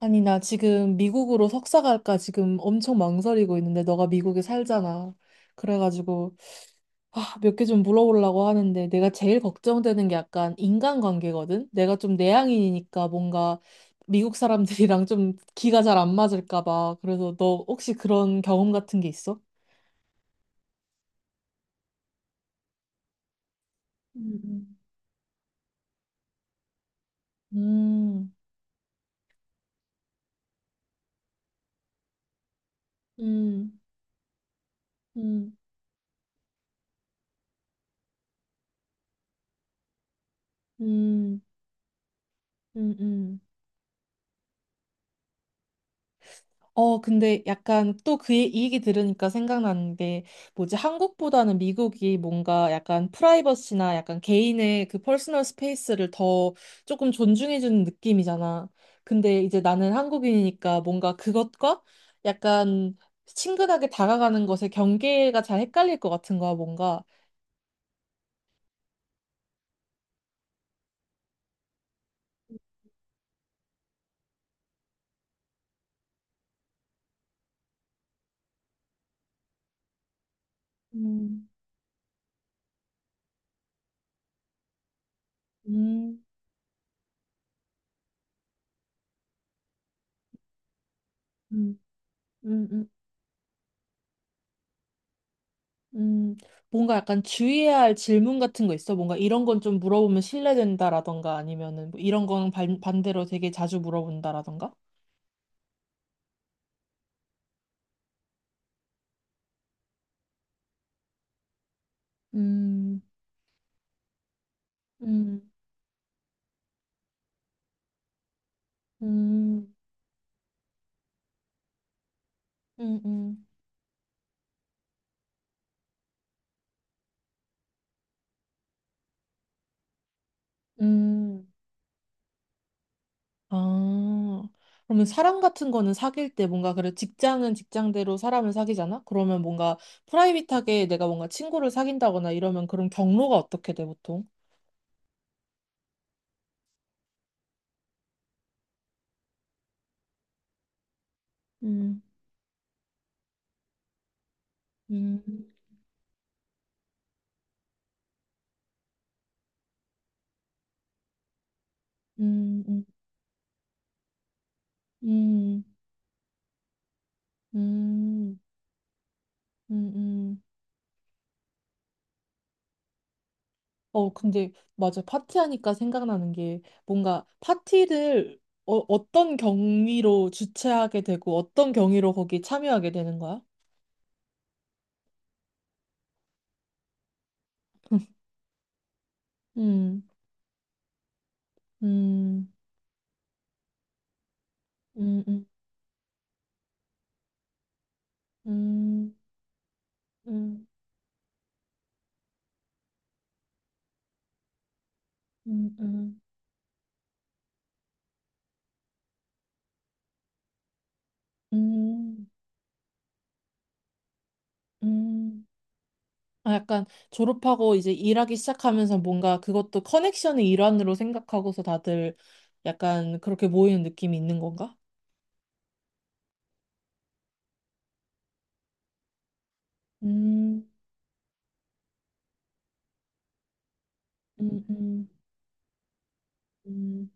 아니, 나 지금 미국으로 석사 갈까 지금 엄청 망설이고 있는데, 너가 미국에 살잖아. 그래가지고, 아, 몇 개 좀 물어보려고 하는데, 내가 제일 걱정되는 게 약간 인간관계거든? 내가 좀 내향인이니까 뭔가 미국 사람들이랑 좀 기가 잘 안 맞을까 봐. 그래서 너 혹시 그런 경험 같은 게 있어? 음, 음, 음, 음, 음, 음, 음. 어, 근데 약간 또 그 얘기 들으니까 생각나는 게 뭐지? 한국보다는 미국이 뭔가 약간 프라이버시나 약간 개인의 그 퍼스널 스페이스를 더 조금 존중해주는 느낌이잖아. 근데 이제 나는 한국인이니까 뭔가 그것과 약간 친근하게 다가가는 것의 경계가 잘 헷갈릴 것 같은 거야, 뭔가. 음, 음, 음, 음, 음. 음, 뭔가 약간 주의해야 할 질문 같은 거 있어? 뭔가 이런 건 좀 물어보면 신뢰된다라던가 아니면은 뭐 이런 건 반대로 되게 자주 물어본다라던가? 음, 음, 음, 음, 음, 음. 아, 그러면 사람 같은 거는 사귈 때 뭔가 그래 직장은 직장대로 사람을 사귀잖아? 그러면 뭔가 프라이빗하게 내가 뭔가 친구를 사귄다거나 이러면 그런 경로가 어떻게 돼, 보통? 음, 음, 음, 음, 음, 음, 음. 어, 근데 맞아. 파티하니까 생각나는 게 뭔가 파티를 어, 어떤 경위로 주최하게 되고 어떤 경위로 거기 참여하게 되는 거야? 음, 음, 음, 음, 음, 음, 음, 음, 음. 음. 아, 약간 졸업하고 이제 일하기 시작하면서 뭔가 그것도 커넥션의 일환으로 생각하고서 다들 약간 그렇게 모이는 느낌이 있는 건가? 음, 음, 음, 음,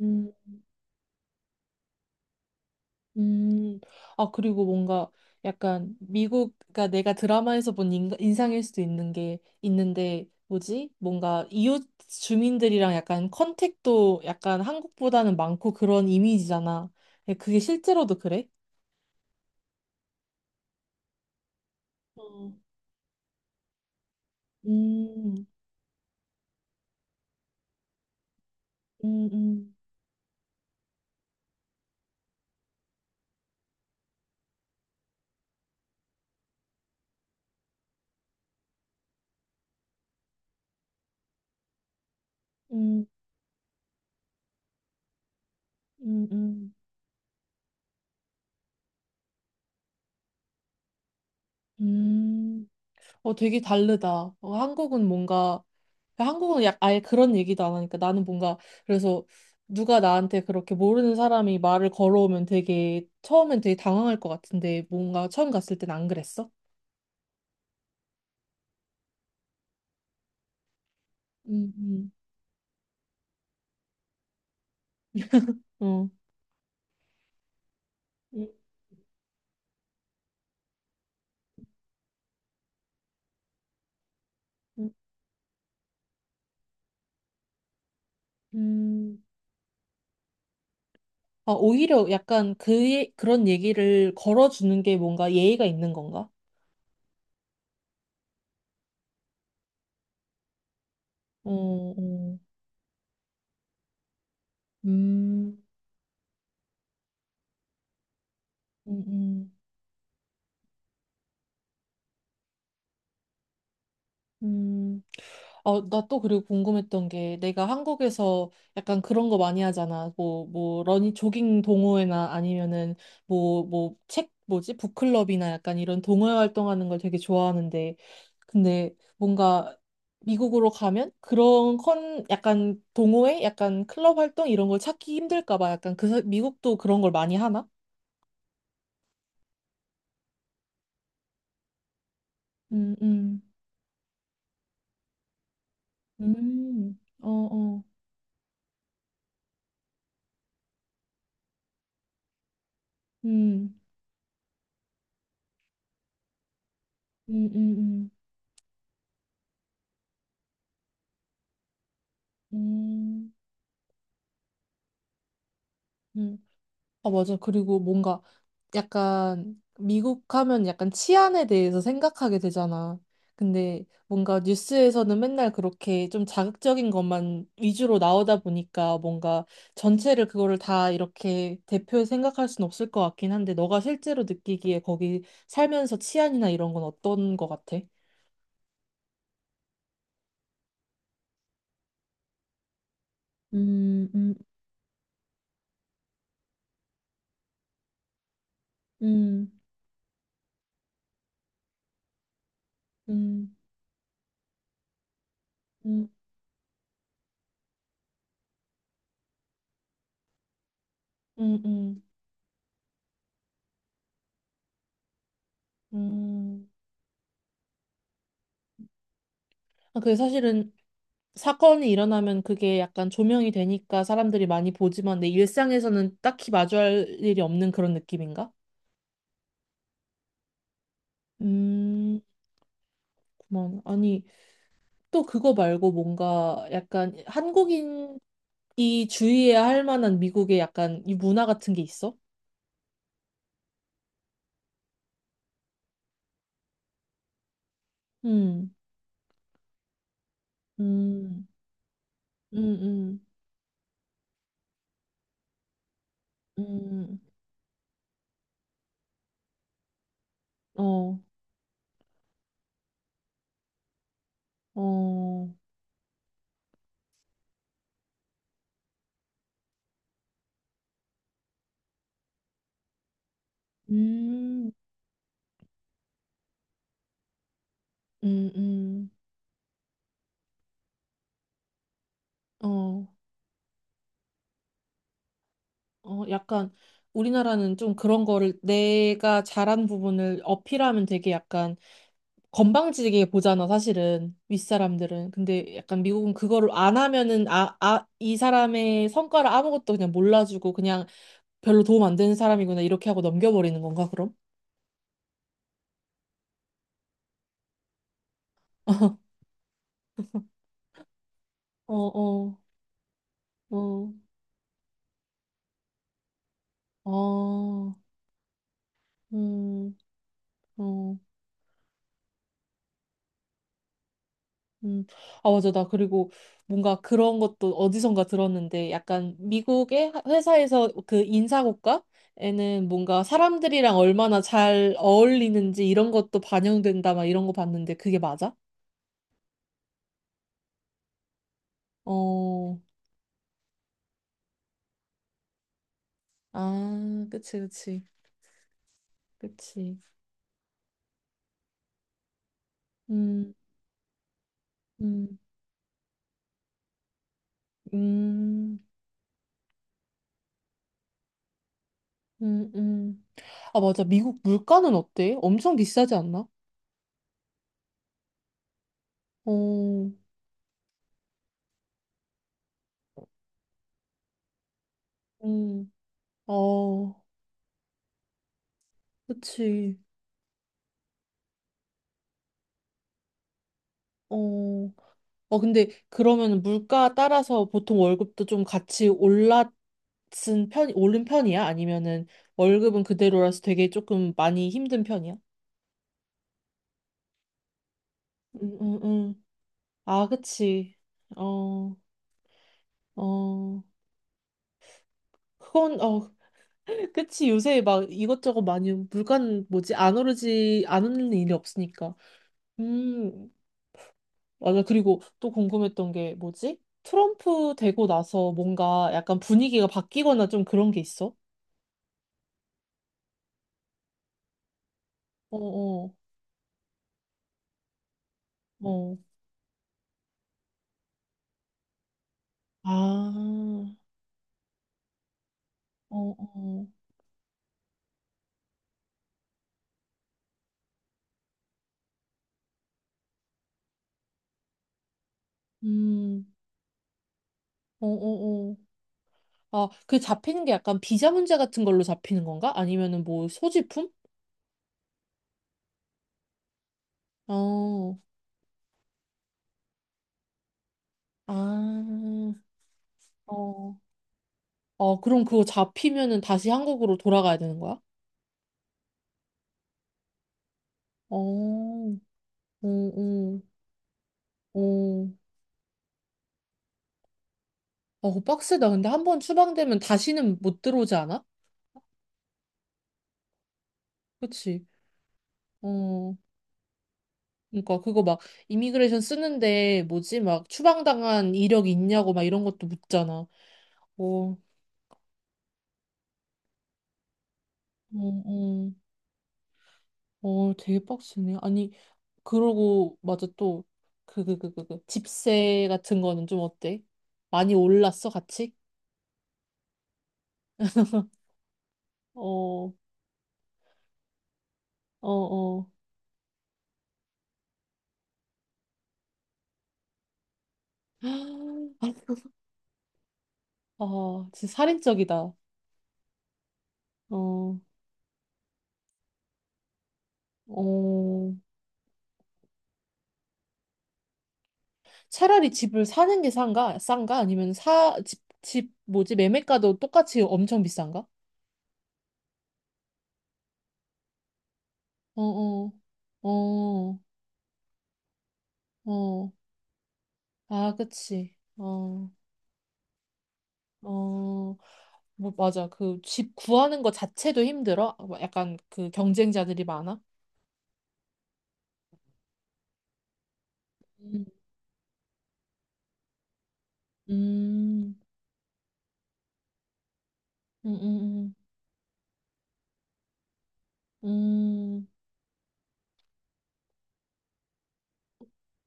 음. 음, 아, 그리고 뭔가 약간 미국, 그러니까 내가 드라마에서 본 인상일 수도 있는 게 있는데, 뭐지? 뭔가 이웃 주민들이랑 약간 컨택도 약간 한국보다는 많고 그런 이미지잖아. 근데 그게 실제로도 그래? 어. 음, 음, 음, 음, 음, 음, 음. 어, 되게 다르다. 어, 한국은 뭔가, 한국은 약 아예 그런 얘기도 안 하니까 나는 뭔가, 그래서 누가 나한테 그렇게 모르는 사람이 말을 걸어오면 되게, 처음엔 되게 당황할 것 같은데, 뭔가 처음 갔을 땐 안 그랬어? 음, 어. 음, 음, 음. 아, 오히려 약간 그, 그런 얘기를 걸어주는 게 뭔가 예의가 있는 건가? 어, 어. 음, 음, 음, 음. 어, 나 또 그리고 궁금했던 게 내가 한국에서 약간 그런 거 많이 하잖아. 러닝, 조깅 동호회나 아니면은 책, 뭐지? 북클럽이나 약간 이런 동호회 활동하는 걸 되게 좋아하는데. 근데 뭔가 미국으로 가면 그런 약간 동호회? 약간 클럽 활동 이런 걸 찾기 힘들까 봐. 약간 그, 미국도 그런 걸 많이 하나? 음, 음, 어, 어, 음, 음, 음, 음, 음, 음. 아, 맞아. 그리고 뭔가 약간 미국 하면 약간 치안에 대해서 생각하게 되잖아. 근데 뭔가 뉴스에서는 맨날 그렇게 좀 자극적인 것만 위주로 나오다 보니까 뭔가 전체를 그거를 다 이렇게 대표해 생각할 순 없을 것 같긴 한데 너가 실제로 느끼기에 거기 살면서 치안이나 이런 건 어떤 것 같아? 음, 음, 음, 음, 음, 음, 음, 음. 아, 그게 사실은 사건이 일어나면 그게 약간 조명이 되니까 사람들이 많이 보지만 내 일상에서는 딱히 마주할 일이 없는 그런 느낌인가? 음, 그만. 아니, 또 그거 말고 뭔가 약간 한국인이 주의해야 할 만한 미국의 약간 이 문화 같은 게 있어? 음, 음, 음, 음, 음, 어, 어, 음, 음, 음, 어. 어, 약간 우리나라는 좀 그런 거를 내가 잘한 부분을 어필하면 되게 약간 건방지게 보잖아, 사실은. 윗사람들은. 근데 약간 미국은 그거를 안 하면은 아, 아, 이 사람의 성과를 아무것도 그냥 몰라주고 그냥 별로 도움 안 되는 사람이구나 이렇게 하고 넘겨버리는 건가, 그럼? 어, 어, 어, 어, 음, 어. 음, 아, 맞아. 나 그리고 뭔가 그런 것도 어디선가 들었는데 약간 미국의 회사에서 그 인사고과에는 뭔가 사람들이랑 얼마나 잘 어울리는지 이런 것도 반영된다 막 이런 거 봤는데 그게 맞아? 어, 아, 그치, 그치, 그치. 음, 음, 음, 음, 음. 아, 맞아. 미국 물가는 어때? 엄청 비싸지 않나? 어, 음, 어, 그치. 어. 어, 근데 그러면 물가 따라서 보통 월급도 좀 같이 올랐은 편, 오른 편이야? 아니면은 월급은 그대로라서 되게 조금 많이 힘든 편이야? 응, 응, 응. 아, 그치. 어, 어. 그건, 어. 그치. 요새 막 이것저것 많이, 물가는 뭐지? 안 오르지, 안 오르는 일이 없으니까. 음, 맞아. 그리고 또 궁금했던 게 뭐지? 트럼프 되고 나서 뭔가 약간 분위기가 바뀌거나 좀 그런 게 있어? 어어. 어. 어, 어. 아, 어어. 음, 어어어. 아, 그 잡히는 게 약간 비자 문제 같은 걸로 잡히는 건가? 아니면은 뭐 소지품? 어, 아, 어. 어, 그럼 그거 잡히면은 다시 한국으로 돌아가야 되는 거야? 어, 어, 어, 어. 어, 그거 빡세다. 근데 한 번 추방되면 다시는 못 들어오지 않아? 그치? 어. 그러니까 그거 막 이미그레이션 쓰는데 뭐지? 막 추방당한 이력 있냐고 막 이런 것도 묻잖아. 어, 어, 어, 어, 되게 빡세네. 아니, 그러고, 맞아, 또, 집세 같은 거는 좀 어때? 많이 올랐어, 같이? 어, 어, 어. 아, 진짜 살인적이다. 어, 어. 차라리 집을 사는 게 싼가? 싼가? 아니면 집, 뭐지? 매매가도 똑같이 엄청 비싼가? 어, 어, 어, 어. 아, 그치. 어, 어. 뭐, 맞아. 그 집 구하는 거 자체도 힘들어? 뭐 약간 그 경쟁자들이 많아? 음, 음, 음, 음, 음,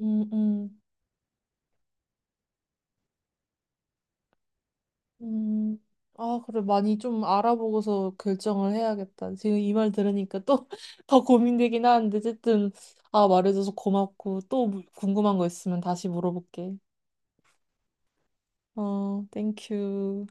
음, 음, 음. 아, 그래. 많이 좀 알아보고서 결정을 해야겠다. 지금 이 말 들으니까 또 더 고민되긴 하는데, 어쨌든, 아, 말해줘서 고맙고, 또 뭐 궁금한 거 있으면 다시 물어볼게. 어, 땡큐.